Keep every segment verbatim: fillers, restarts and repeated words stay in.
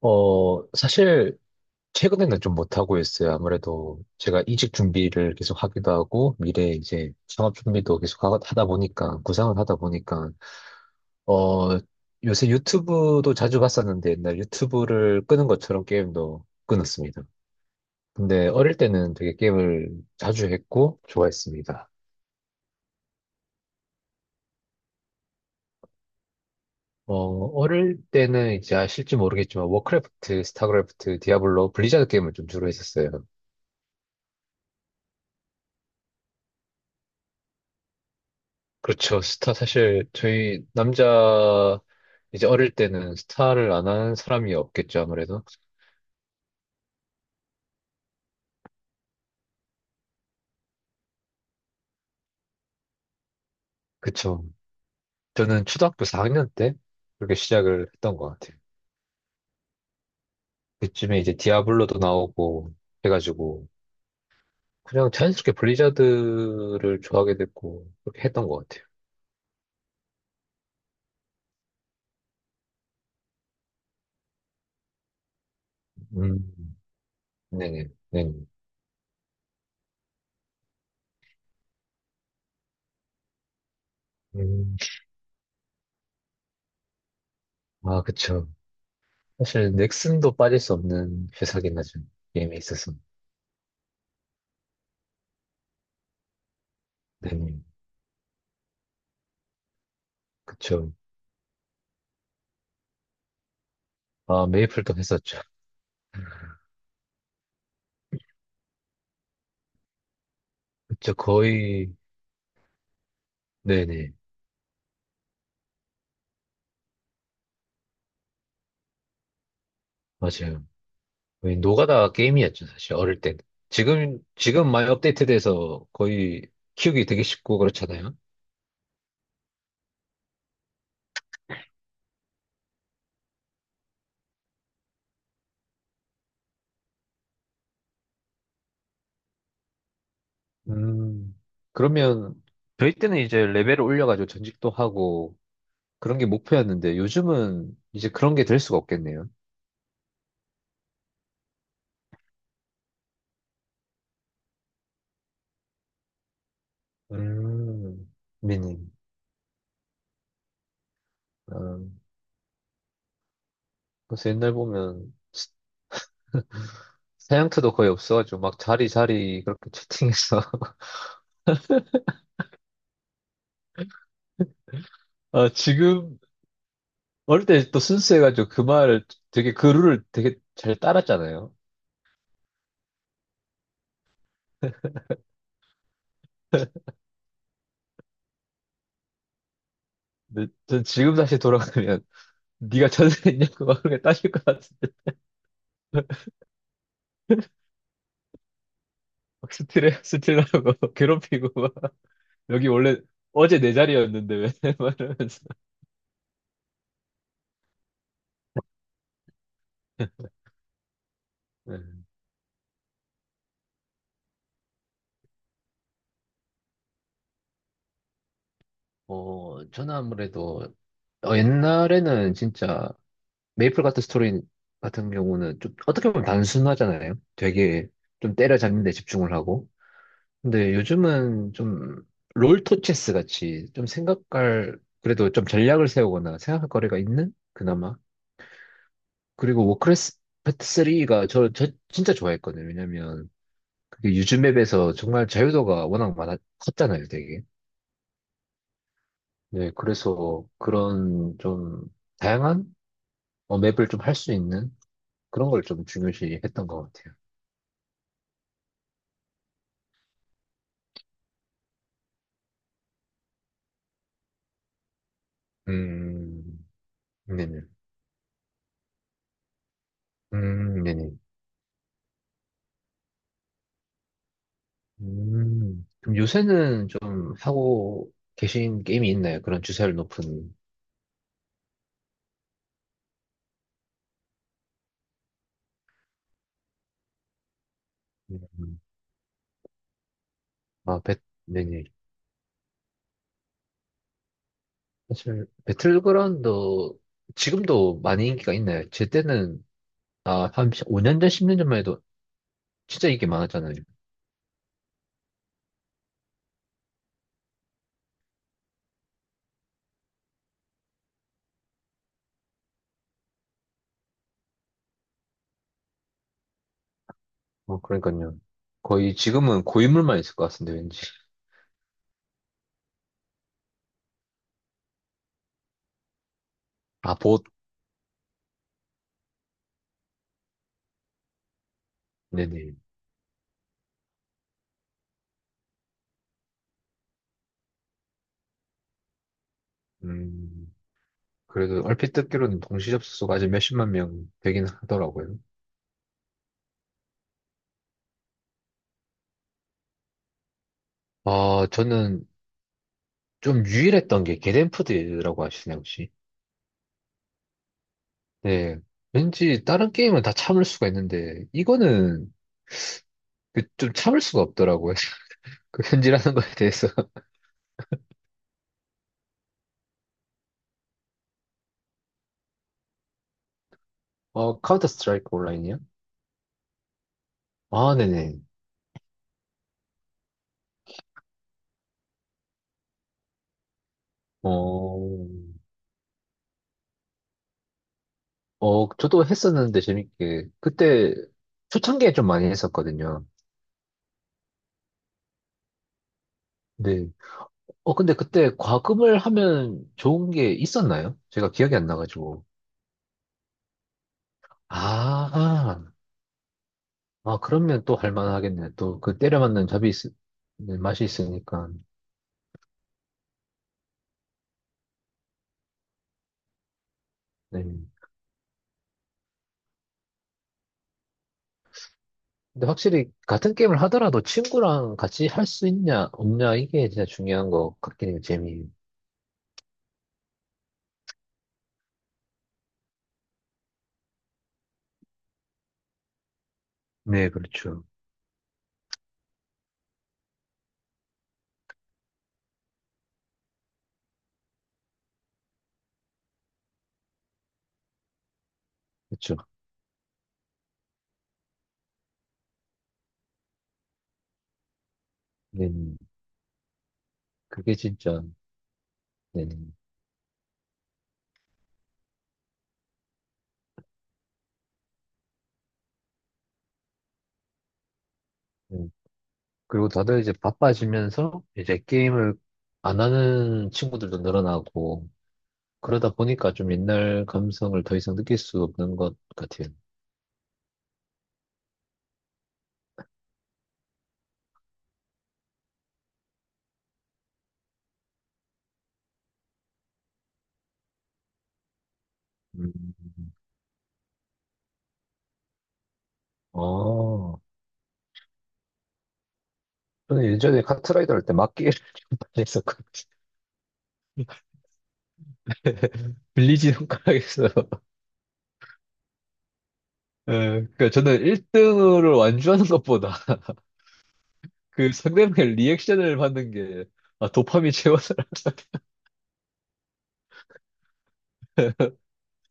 어, 사실 최근에는 좀 못하고 있어요. 아무래도 제가 이직 준비를 계속 하기도 하고 미래 이제 창업 준비도 계속 하- 하다 보니까 구상을 하다 보니까 어, 요새 유튜브도 자주 봤었는데 옛날 유튜브를 끄는 것처럼 게임도 끊었습니다. 근데 어릴 때는 되게 게임을 자주 했고 좋아했습니다. 어, 어릴 때는 이제 아실지 모르겠지만 워크래프트, 스타크래프트, 디아블로, 블리자드 게임을 좀 주로 했었어요. 그렇죠. 스타 사실 저희 남자, 이제 어릴 때는 스타를 안 한 사람이 없겠죠, 아무래도. 그쵸. 저는 초등학교 사 학년 때 그렇게 시작을 했던 것 같아요. 그쯤에 이제 디아블로도 나오고 해가지고 그냥 자연스럽게 블리자드를 좋아하게 됐고 그렇게 했던 것 같아요. 음, 네네, 네네. 음, 아, 그쵸. 사실 넥슨도 빠질 수 없는 회사긴 하죠. 게임에 있어서. 네네, 그쵸. 아, 메이플도 했었죠. 진짜 거의, 네네, 맞아요. 거의 노가다 게임이었죠, 사실, 어릴 땐. 지금, 지금 많이 업데이트돼서 거의 키우기 되게 쉽고 그렇잖아요. 음, 그러면 저희 때는 이제 레벨을 올려가지고 전직도 하고 그런 게 목표였는데 요즘은 이제 그런 게 될 수가 없겠네요. 음, 미니. 아, 그래서 옛날 보면 스- 사양트도 거의 없어가지고 막 자리 자리 그렇게 채팅해서. 아, 지금 어릴 때 또 순수해가지고 그 말을 되게 그 룰을 되게 잘 따랐잖아요. 근데 전 지금 다시 돌아가면 네가 전화했냐고 막 그렇게 따질 것 같은데 막 스트레 스트레하고 괴롭히고 막 여기 원래 어제 내 자리였는데 왜 말면서. 네. 어, 저는 아무래도 어, 옛날에는 진짜 메이플 같은 스토리 같은 경우는 좀 어떻게 보면 단순하잖아요. 되게 좀 때려잡는 데 집중을 하고. 근데 요즘은 좀 롤토 체스 같이 좀 생각할, 그래도 좀 전략을 세우거나 생각할 거리가 있는? 그나마. 그리고 워크래프트 삼가 저, 저 진짜 좋아했거든요. 왜냐면 그게 유즈맵에서 정말 자유도가 워낙 많아, 컸잖아요, 되게. 네, 그래서 그런 좀 다양한 어, 맵을 좀 할 수 있는 그런 걸 좀 중요시 했던 것 같아요. 음, 네네. 음, 네네. 음, 그럼 요새는 좀 하고 계신 게임이 있나요? 그런 주사율 높은. 음, 아, 배, 네네. 사실, 배틀그라운드 지금도 많이 인기가 있나요? 제 때는, 아, 한 오 년 전, 십 년 전만 해도 진짜 인기 많았잖아요. 어, 그러니까요. 거의 지금은 고인물만 있을 것 같은데, 왠지. 아, 봇. 네네. 음, 그래도 얼핏 듣기로는 동시 접속수가 아직 몇십만 명 되긴 하더라고요. 아, 저는 좀 유일했던 게겟덴프드라고 하시나요, 혹시? 네. 왠지 다른 게임은 다 참을 수가 있는데, 이거는 그 좀 참을 수가 없더라고요. 그 현질하는 거에 대해서. 어, 카운터 스트라이크 온라인이요? 아, 네네. 어, 어, 저도 했었는데 재밌게. 그때 초창기에 좀 많이 했었거든요. 네. 어, 근데 그때 과금을 하면 좋은 게 있었나요? 제가 기억이 안 나가지고. 아, 아, 그러면 또 할 만하겠네. 또 그 때려 맞는 잡이 있, 네, 맛이 있으니까. 네. 근데 확실히 같은 게임을 하더라도 친구랑 같이 할 수 있냐, 없냐, 이게 진짜 중요한 것 같긴 해요, 재미. 네, 그렇죠. 그렇죠. 네, 그게 진짜, 네. 네. 그리고 다들 이제 바빠지면서 이제 게임을 안 하는 친구들도 늘어나고, 그러다 보니까 좀 옛날 감성을 더 이상 느낄 수 없는 것 같아요. 음. 아. 저는 예전에 카트라이더 할 때 막기를 좀 많이 했었거든요. 빌리지 손가락에서. 예, 그러니까 저는 일 등을 완주하는 것보다 그 상대방의 리액션을 받는 게 아, 도파민 채워서라.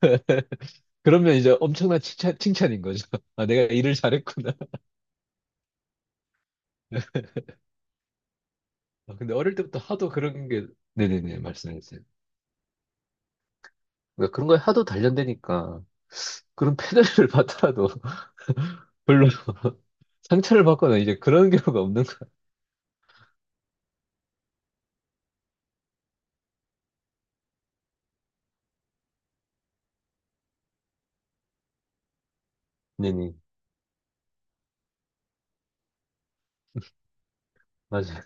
그러면 이제 엄청난 칭찬, 칭찬인 거죠. 아, 내가 일을 잘했구나. 아, 근데 어릴 때부터 하도 그런 게, 네네네, 말씀해주세요. 그러니까 그런 거에 하도 단련되니까 그런 패널을 받더라도 별로 상처를 받거나 이제 그런 경우가 없는 거. 네네, 맞아요.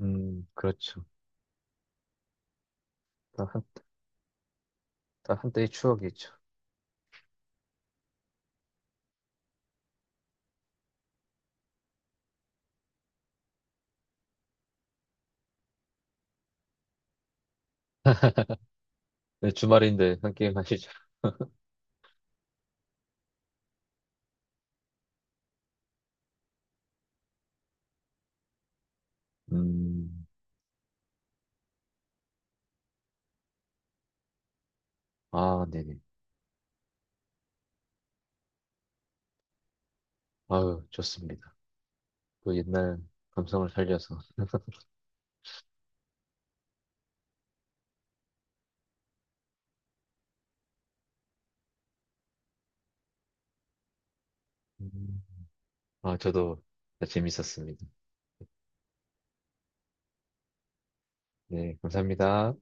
음, 그렇죠. 다 한때의 추억이죠. 네, 주말인데 한 게임 하시죠. 음, 아, 네네. 아유, 좋습니다. 그 옛날 감성을 살려서. 음, 아, 저도 재밌었습니다. 네, 감사합니다.